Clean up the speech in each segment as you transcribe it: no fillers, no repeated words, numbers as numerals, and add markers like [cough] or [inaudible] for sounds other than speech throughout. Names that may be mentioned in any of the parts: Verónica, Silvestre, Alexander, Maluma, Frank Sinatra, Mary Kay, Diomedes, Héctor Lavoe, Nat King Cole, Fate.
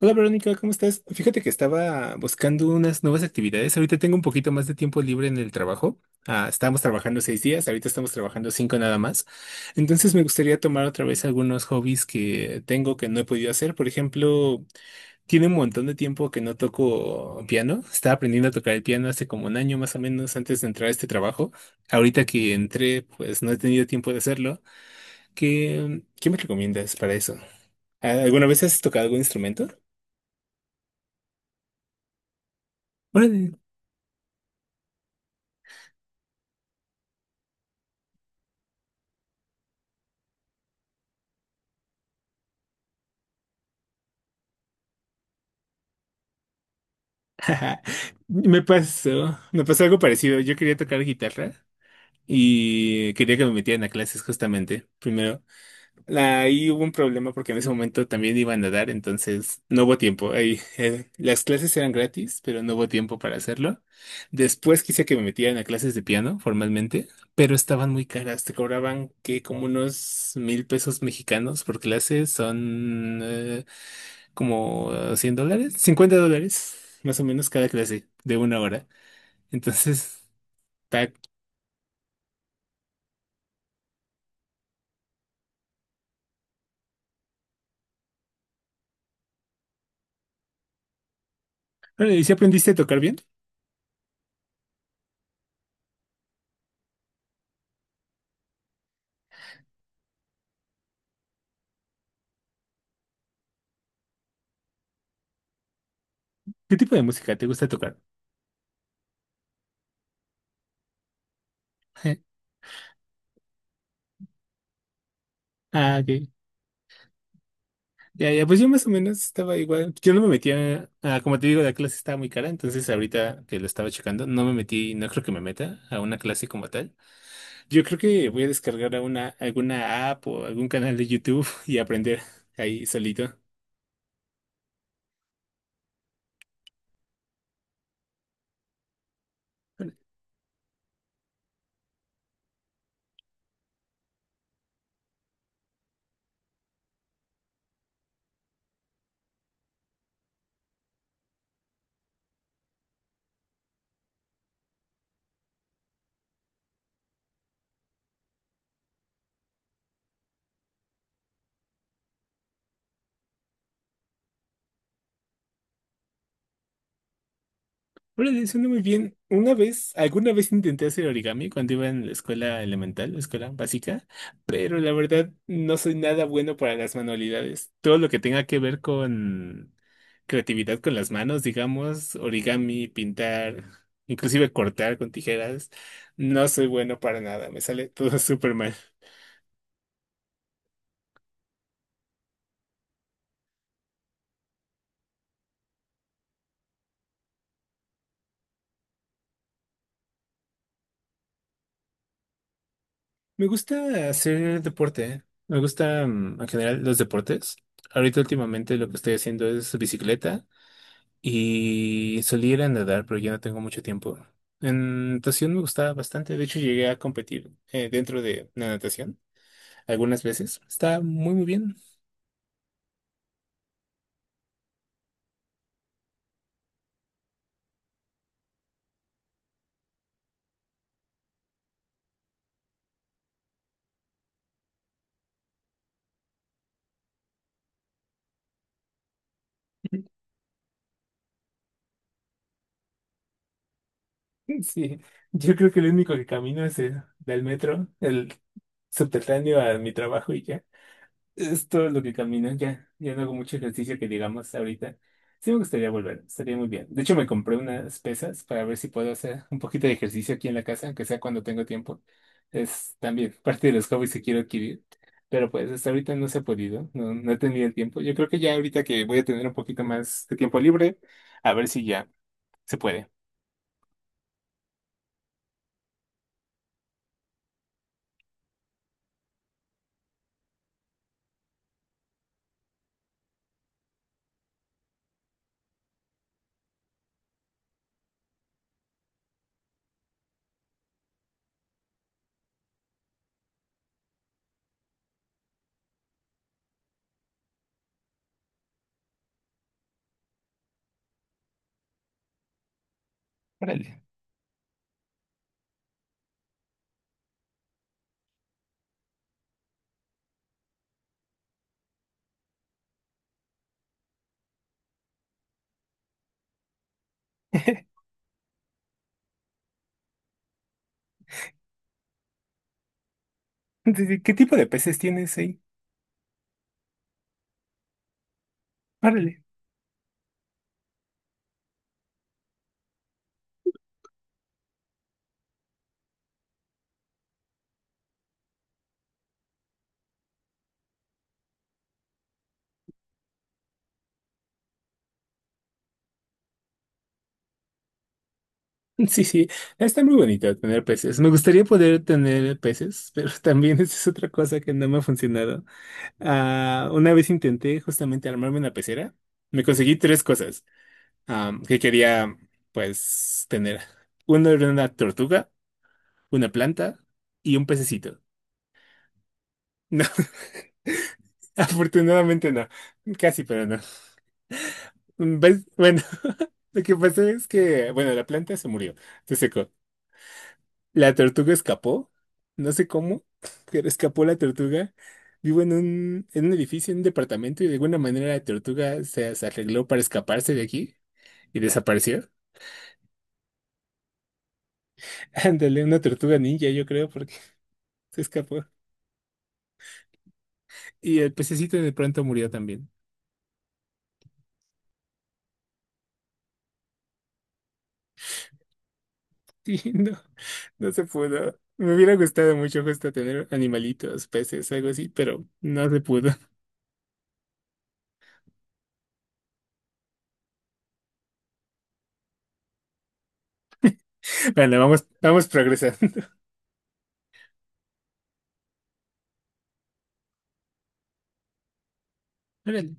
Hola Verónica, ¿cómo estás? Fíjate que estaba buscando unas nuevas actividades. Ahorita tengo un poquito más de tiempo libre en el trabajo. Ah, estábamos trabajando 6 días, ahorita estamos trabajando cinco nada más. Entonces me gustaría tomar otra vez algunos hobbies que tengo que no he podido hacer. Por ejemplo, tiene un montón de tiempo que no toco piano. Estaba aprendiendo a tocar el piano hace como 1 año más o menos antes de entrar a este trabajo. Ahorita que entré, pues no he tenido tiempo de hacerlo. ¿Qué me recomiendas para eso? ¿Alguna vez has tocado algún instrumento? [laughs] Me pasó algo parecido. Yo quería tocar guitarra y quería que me metieran a clases justamente. Primero, ahí hubo un problema porque en ese momento también iba a nadar, entonces no hubo tiempo. Ahí, las clases eran gratis, pero no hubo tiempo para hacerlo. Después quise que me metieran a clases de piano formalmente, pero estaban muy caras. Te cobraban que como unos 1.000 pesos mexicanos por clase, son como $100, $50, más o menos cada clase de una hora. Entonces, tac. Bueno, ¿y si aprendiste a tocar bien? ¿Qué tipo de música te gusta tocar? [laughs] Ah, ok. Ya, ya, pues yo más o menos estaba igual. Yo no me metía, ah, como te digo, la clase estaba muy cara, entonces ahorita que lo estaba checando, no me metí, no creo que me meta a una clase como tal. Yo creo que voy a descargar a una, alguna app o algún canal de YouTube [laughs] y aprender ahí solito. Órale, suena muy bien. Una vez, alguna vez intenté hacer origami cuando iba en la escuela elemental, la escuela básica, pero la verdad no soy nada bueno para las manualidades. Todo lo que tenga que ver con creatividad con las manos, digamos, origami, pintar, inclusive cortar con tijeras, no soy bueno para nada. Me sale todo [laughs] súper mal. Me gusta hacer deporte. Me gustan en general los deportes. Ahorita últimamente lo que estoy haciendo es bicicleta y solía ir a nadar, pero ya no tengo mucho tiempo. En natación me gustaba bastante. De hecho, llegué a competir dentro de la natación algunas veces. Está muy, muy bien. [laughs] Sí, yo creo que lo único que camino es el del metro, el subterráneo a mi trabajo y ya. Es todo lo que camino, ya, ya no hago mucho ejercicio que digamos ahorita. Sí me gustaría volver, estaría muy bien. De hecho, me compré unas pesas para ver si puedo hacer un poquito de ejercicio aquí en la casa, aunque sea cuando tengo tiempo. Es también parte de los hobbies que quiero adquirir. Pero pues hasta ahorita no se ha podido, no, no he tenido el tiempo. Yo creo que ya ahorita que voy a tener un poquito más de tiempo libre, a ver si ya se puede. Órale. [laughs] Sí, sí, ¿qué tipo de peces tienes ahí? Órale. [laughs] Sí, sí, está muy bonito tener peces. Me gustaría poder tener peces, pero [laughs] también esa es otra cosa que no me ha funcionado. Ah, una vez intenté justamente armarme una pecera. Me conseguí tres cosas que quería, pues, tener. Uno era una tortuga, una planta y un pececito. [laughs] No, afortunadamente no. Casi, pero no. ¿Ves? Bueno, [laughs] lo que pasó es que, bueno, la planta se murió, se secó. La tortuga escapó, no sé cómo, [laughs] pero escapó la tortuga. Vivo en un edificio, en un departamento, y de alguna manera la tortuga se arregló para escaparse de aquí y desapareció. [laughs] Ándale, una tortuga ninja, yo creo, porque [laughs] se escapó. Y el pececito de pronto murió también. [laughs] Sí, no, no se pudo. Me hubiera gustado mucho justo tener animalitos, peces, algo así, pero no se pudo. [laughs] Bueno, vamos, vamos progresando. [laughs] Órale,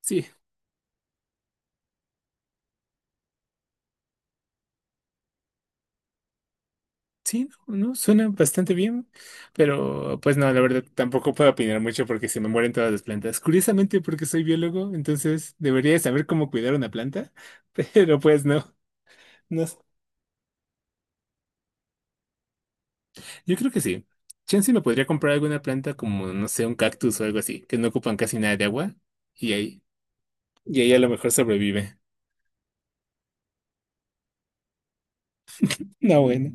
sí. Sí, no, no, suena bastante bien, pero pues no, la verdad tampoco puedo opinar mucho porque se me mueren todas las plantas. Curiosamente, porque soy biólogo, entonces debería de saber cómo cuidar una planta, [laughs] pero pues no, no. Yo creo que sí. Chance me podría comprar alguna planta como, no sé, un cactus o algo así, que no ocupan casi nada de agua y ahí, y ahí a lo mejor sobrevive. No, bueno.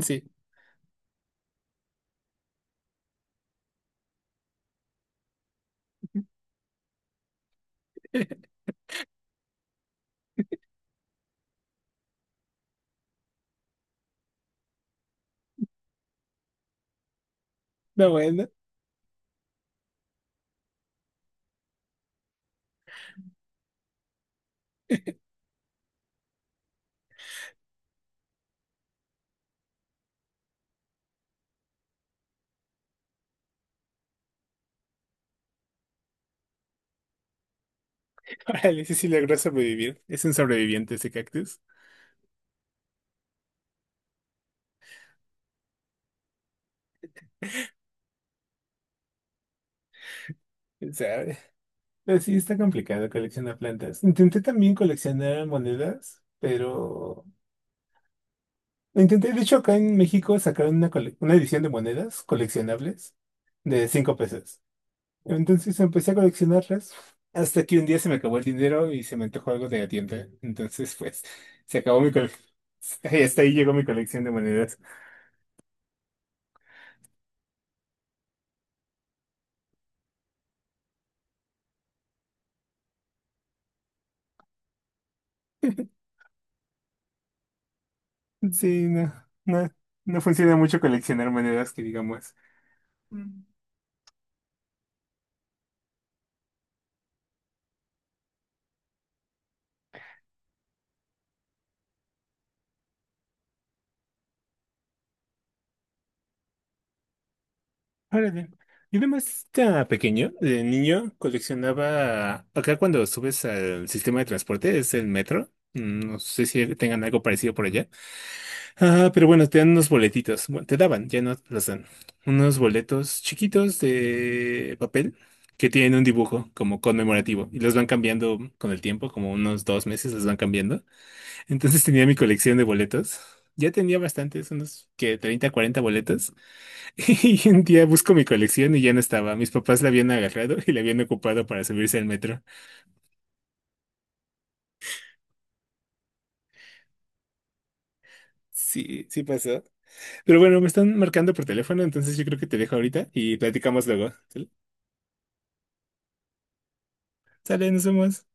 Sí, no, bueno. [laughs] Órale, ese sí logró sobrevivir. Es un sobreviviente ese cactus. ¿Sabe? Pero sí está complicado coleccionar plantas. Intenté también coleccionar monedas, pero lo intenté, de hecho, acá en México sacaron una edición de monedas coleccionables de 5 pesos. Entonces empecé a coleccionarlas hasta que un día se me acabó el dinero y se me antojó algo de la tienda. Entonces, pues, se acabó mi colección. [laughs] Hasta ahí llegó mi colección de monedas. [laughs] Sí, no, no, no funciona mucho coleccionar monedas que digamos. Órale. Yo además estaba pequeño, de niño, coleccionaba, acá cuando subes al sistema de transporte, es el metro, no sé si tengan algo parecido por allá, ah, pero bueno, te dan unos boletitos, bueno, te daban, ya no los dan, unos boletos chiquitos de papel que tienen un dibujo como conmemorativo y los van cambiando con el tiempo, como unos 2 meses los van cambiando. Entonces tenía mi colección de boletos, ya tenía bastantes, unos que 30 40 boletos. [laughs] Y un día busco mi colección y ya no estaba. Mis papás la habían agarrado y la habían ocupado para subirse al metro. Sí, sí pasó. Pero bueno, me están marcando por teléfono, entonces yo creo que te dejo ahorita y platicamos luego. ¿Sale? Sale, nos vemos.